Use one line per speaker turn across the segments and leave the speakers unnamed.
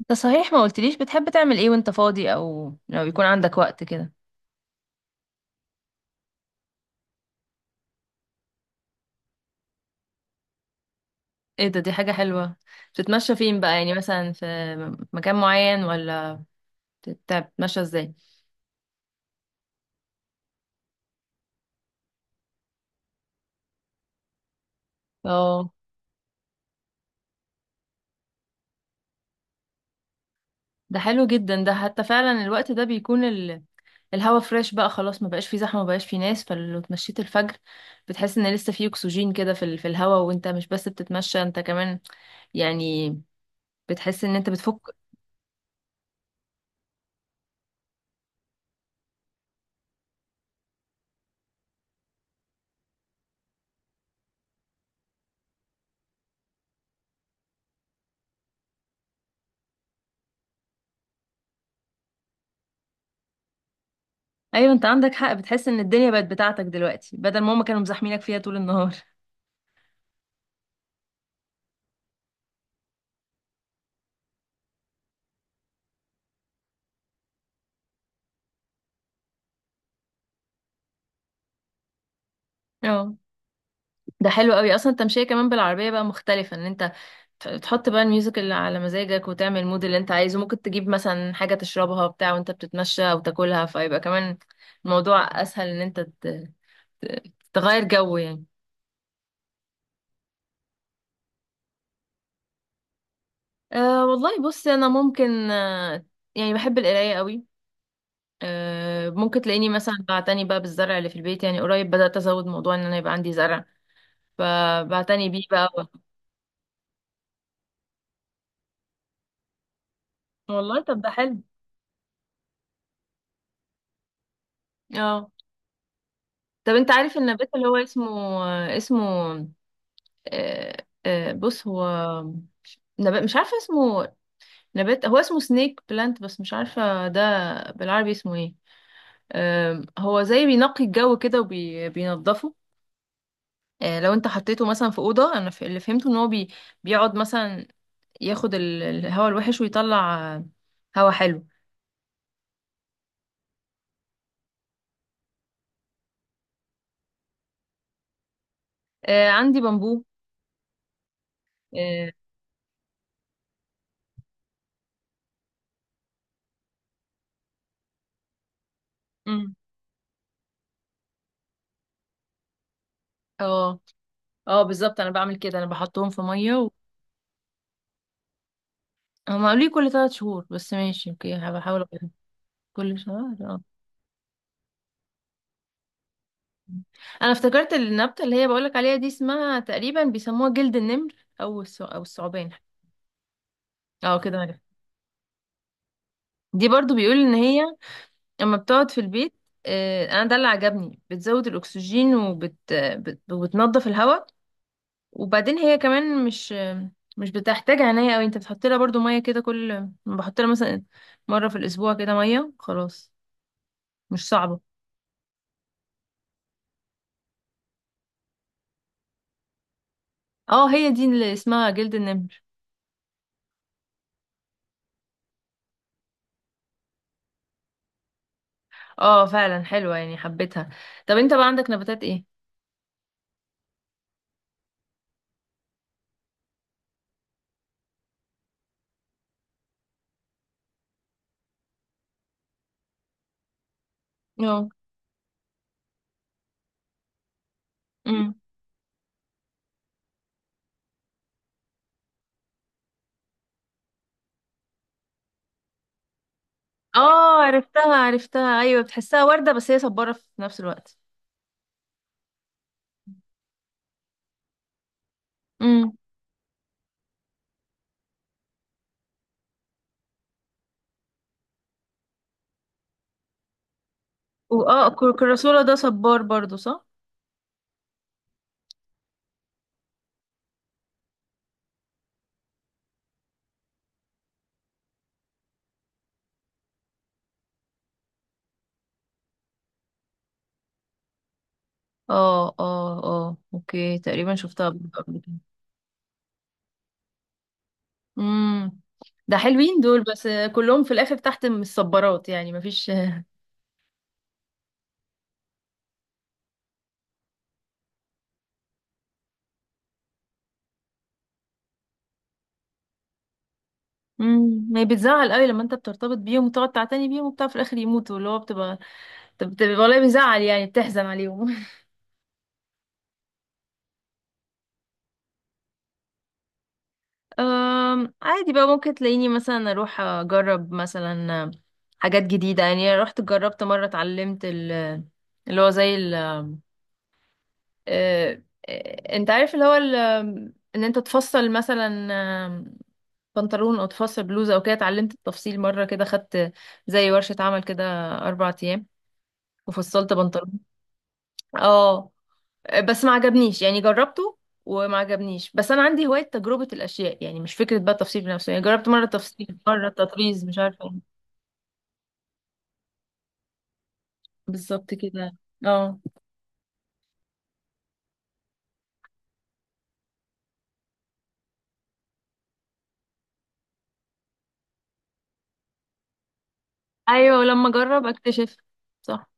انت، صحيح ما قلتليش بتحب تعمل ايه وانت فاضي، او لو يكون عندك وقت كده؟ ايه ده؟ دي حاجة حلوة. بتتمشى فين بقى؟ يعني مثلا في مكان معين، ولا بتتمشى ازاي؟ اه، ده حلو جدا. ده حتى فعلا الوقت ده بيكون الهوا فريش، بقى خلاص ما بقاش فيه زحمة، ما بقاش فيه ناس. فلو اتمشيت الفجر بتحس ان لسه فيه اكسجين كده في الهوا. وانت مش بس بتتمشى، انت كمان يعني بتحس ان انت بتفك. ايوه، انت عندك حق، بتحس ان الدنيا بقت بتاعتك دلوقتي بدل ما هما كانوا مزاحمينك فيها طول النهار. اه، ده حلو قوي، اصلا التمشيه كمان بالعربيه بقى مختلفه. ان انت تحط بقى الميوزك اللي على مزاجك وتعمل المود اللي انت عايزه، ممكن تجيب مثلا حاجه تشربها بتاع وانت بتتمشى او تاكلها، فيبقى كمان الموضوع اسهل ان انت ت- تغير جو يعني. أه والله، بصي انا ممكن يعني بحب القرايه قوي. ممكن تلاقيني مثلا بعتني بقى بالزرع اللي في البيت، يعني قريب بدات ازود موضوع ان انا يبقى عندي زرع، فبعتني بيه بقى. والله طب ده حلو. اه، طب انت عارف النبات اللي هو اسمه اسمه آه، بص، هو نبات مش عارفه اسمه. نبات هو اسمه سنيك بلانت، بس مش عارفه ده بالعربي اسمه ايه. هو زي بينقي الجو كده وبينضفه. لو انت حطيته مثلا في اوضه، انا اللي فهمته ان هو بيقعد مثلا ياخد الهواء الوحش ويطلع هوا حلو. آه، عندي بامبو. اه. مم. اه. بالظبط انا بعمل كده، انا بحطهم في ميه. هما قالوا لي كل ثلاث شهور، بس ماشي اوكي هبقى احاول أجيبها. كل شهر، اه. انا افتكرت النبتة اللي هي بقولك عليها دي اسمها تقريبا بيسموها جلد النمر، او او الثعبان. اه، كده عرفت. دي برضو بيقول ان هي اما بتقعد في البيت انا ده اللي عجبني، بتزود الاكسجين وبتنضف الهواء. وبعدين هي كمان مش بتحتاج عناية قوي، انت بتحط لها برضو مية كده، كل بحط لها مثلا مرة في الاسبوع كده مية خلاص، مش صعبة. اه، هي دي اللي اسمها جلد النمر. اه، فعلا حلوة، يعني حبيتها. طب انت بقى عندك نباتات ايه؟ اه. امم. اه، عرفتها عرفتها، ايوه بتحسها وردة بس هي صبارة في نفس الوقت. امم. واه، الكراسولا ده صبار برضو، صح؟ اه اه اه، اوكي، تقريبا شفتها قبل قبل كده. امم. ده حلوين دول، بس كلهم في الاخر تحت من الصبارات يعني مفيش امم، ما هي بتزعل قوي لما انت بترتبط بيهم وتقعد تعتني بيهم وبتاع في الاخر يموتوا، اللي هو بتبقى والله بيزعل، يعني بتحزن عليهم. عادي بقى، ممكن تلاقيني مثلا اروح اجرب مثلا حاجات جديدة. يعني رحت جربت مرة اتعلمت اللي هو زي ال أه، أه، انت عارف اللي هو ان انت تفصل مثلا أم، بنطلون او تفصل بلوزة او كده، اتعلمت التفصيل مرة كده، خدت زي ورشة عمل كده اربع ايام، وفصلت بنطلون. اه. بس ما عجبنيش يعني، جربته وما عجبنيش، بس انا عندي هواية تجربة الاشياء، يعني مش فكرة بقى التفصيل بنفسه، يعني جربت مرة تفصيل، مرة تطريز، مش عارفة ايه. بالظبط كده. اه. ايوه، ولما اجرب اكتشف. صح.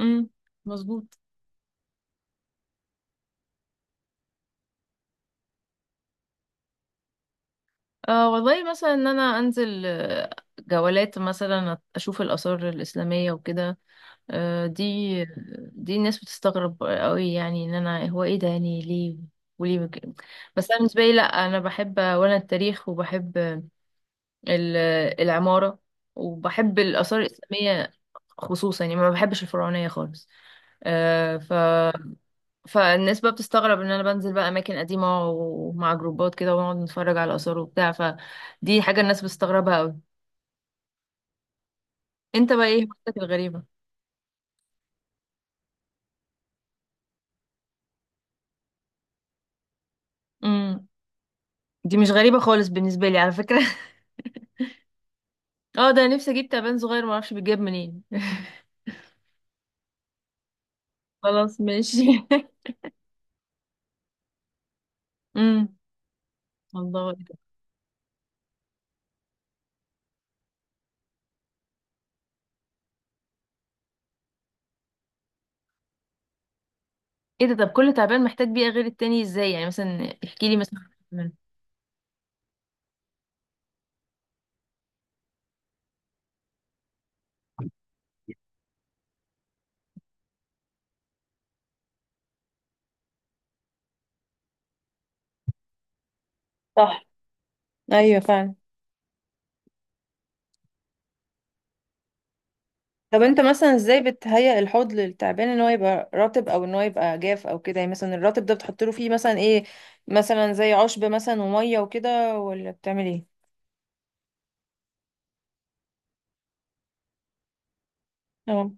امم. مظبوط. آه والله، مثلا ان انا انزل جولات مثلا اشوف الاثار الاسلامية وكده. آه، دي الناس بتستغرب قوي، يعني ان انا هو ايه ده؟ يعني ليه؟ وليه بس انا بالنسبة لي، لا، انا بحب وانا التاريخ، وبحب ال- العمارة، وبحب الآثار الإسلامية خصوصا، يعني ما بحبش الفرعونية خالص. آه، ف فالناس بقى بتستغرب ان انا بنزل بقى اماكن قديمه ومع جروبات كده، ونقعد نتفرج على الاثار وبتاع، فدي حاجه الناس بتستغربها قوي. انت بقى ايه هوايتك الغريبه؟ امم، دي مش غريبه خالص بالنسبه لي على فكره اه، ده أنا نفسي اجيب تعبان صغير، ما اعرفش بيتجاب منين خلاص ماشي امم. الله، ايه ده؟ إيه ده؟ طب كل تعبان محتاج بيئه غير التاني ازاي؟ يعني مثلا احكي لي مثلا. صح. ايوه فعلا. طب انت مثلا ازاي بتهيئ الحوض للتعبان ان هو يبقى رطب او ان هو يبقى جاف او كده؟ يعني مثلا الرطب ده بتحط له فيه مثلا ايه؟ مثلا زي عشب مثلا وميه وكده، ولا بتعمل ايه؟ اه.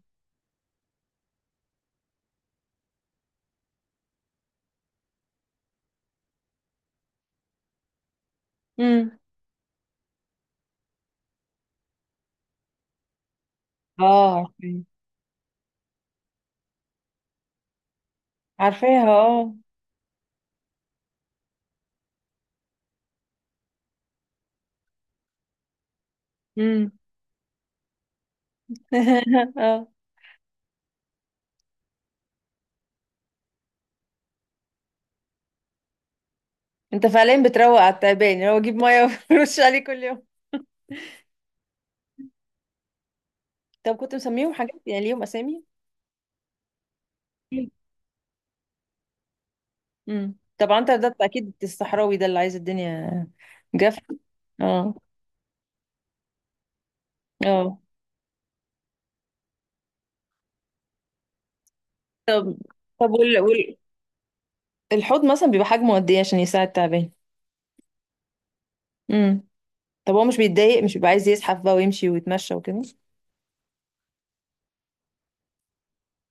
امم. اه. عارفاها، اه. امم. اه. انت فعليا بتروق على التعبان اللي هو، جيب ميه ورش عليه كل يوم؟ طب كنت مسميهم حاجات؟ يعني ليهم اسامي؟ امم، طبعا. انت ده اكيد الصحراوي، ده اللي عايز الدنيا جافه. اه اه. طب الحوض مثلا بيبقى حجمه قد ايه عشان يساعد تعبان؟ امم. طب هو مش بيتضايق؟ مش بيبقى عايز يزحف بقى ويمشي ويتمشى وكده؟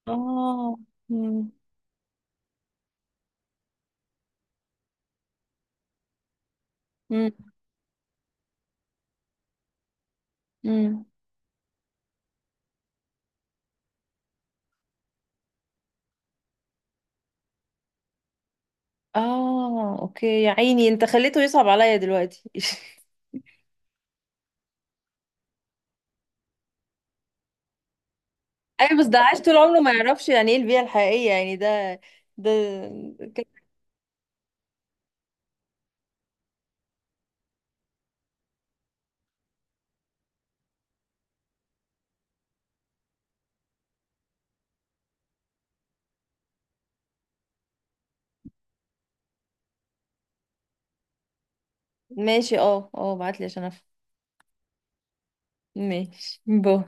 اه. امم. امم. امم. اه، اوكي يا عيني، انت خليته يصعب عليا دلوقتي ايوه، بس ده عاش طول عمره ما يعرفش يعني ايه البيئة الحقيقية، يعني ده، ده. ماشي، اه اه، بعتلي عشان افهم. ماشي، باي.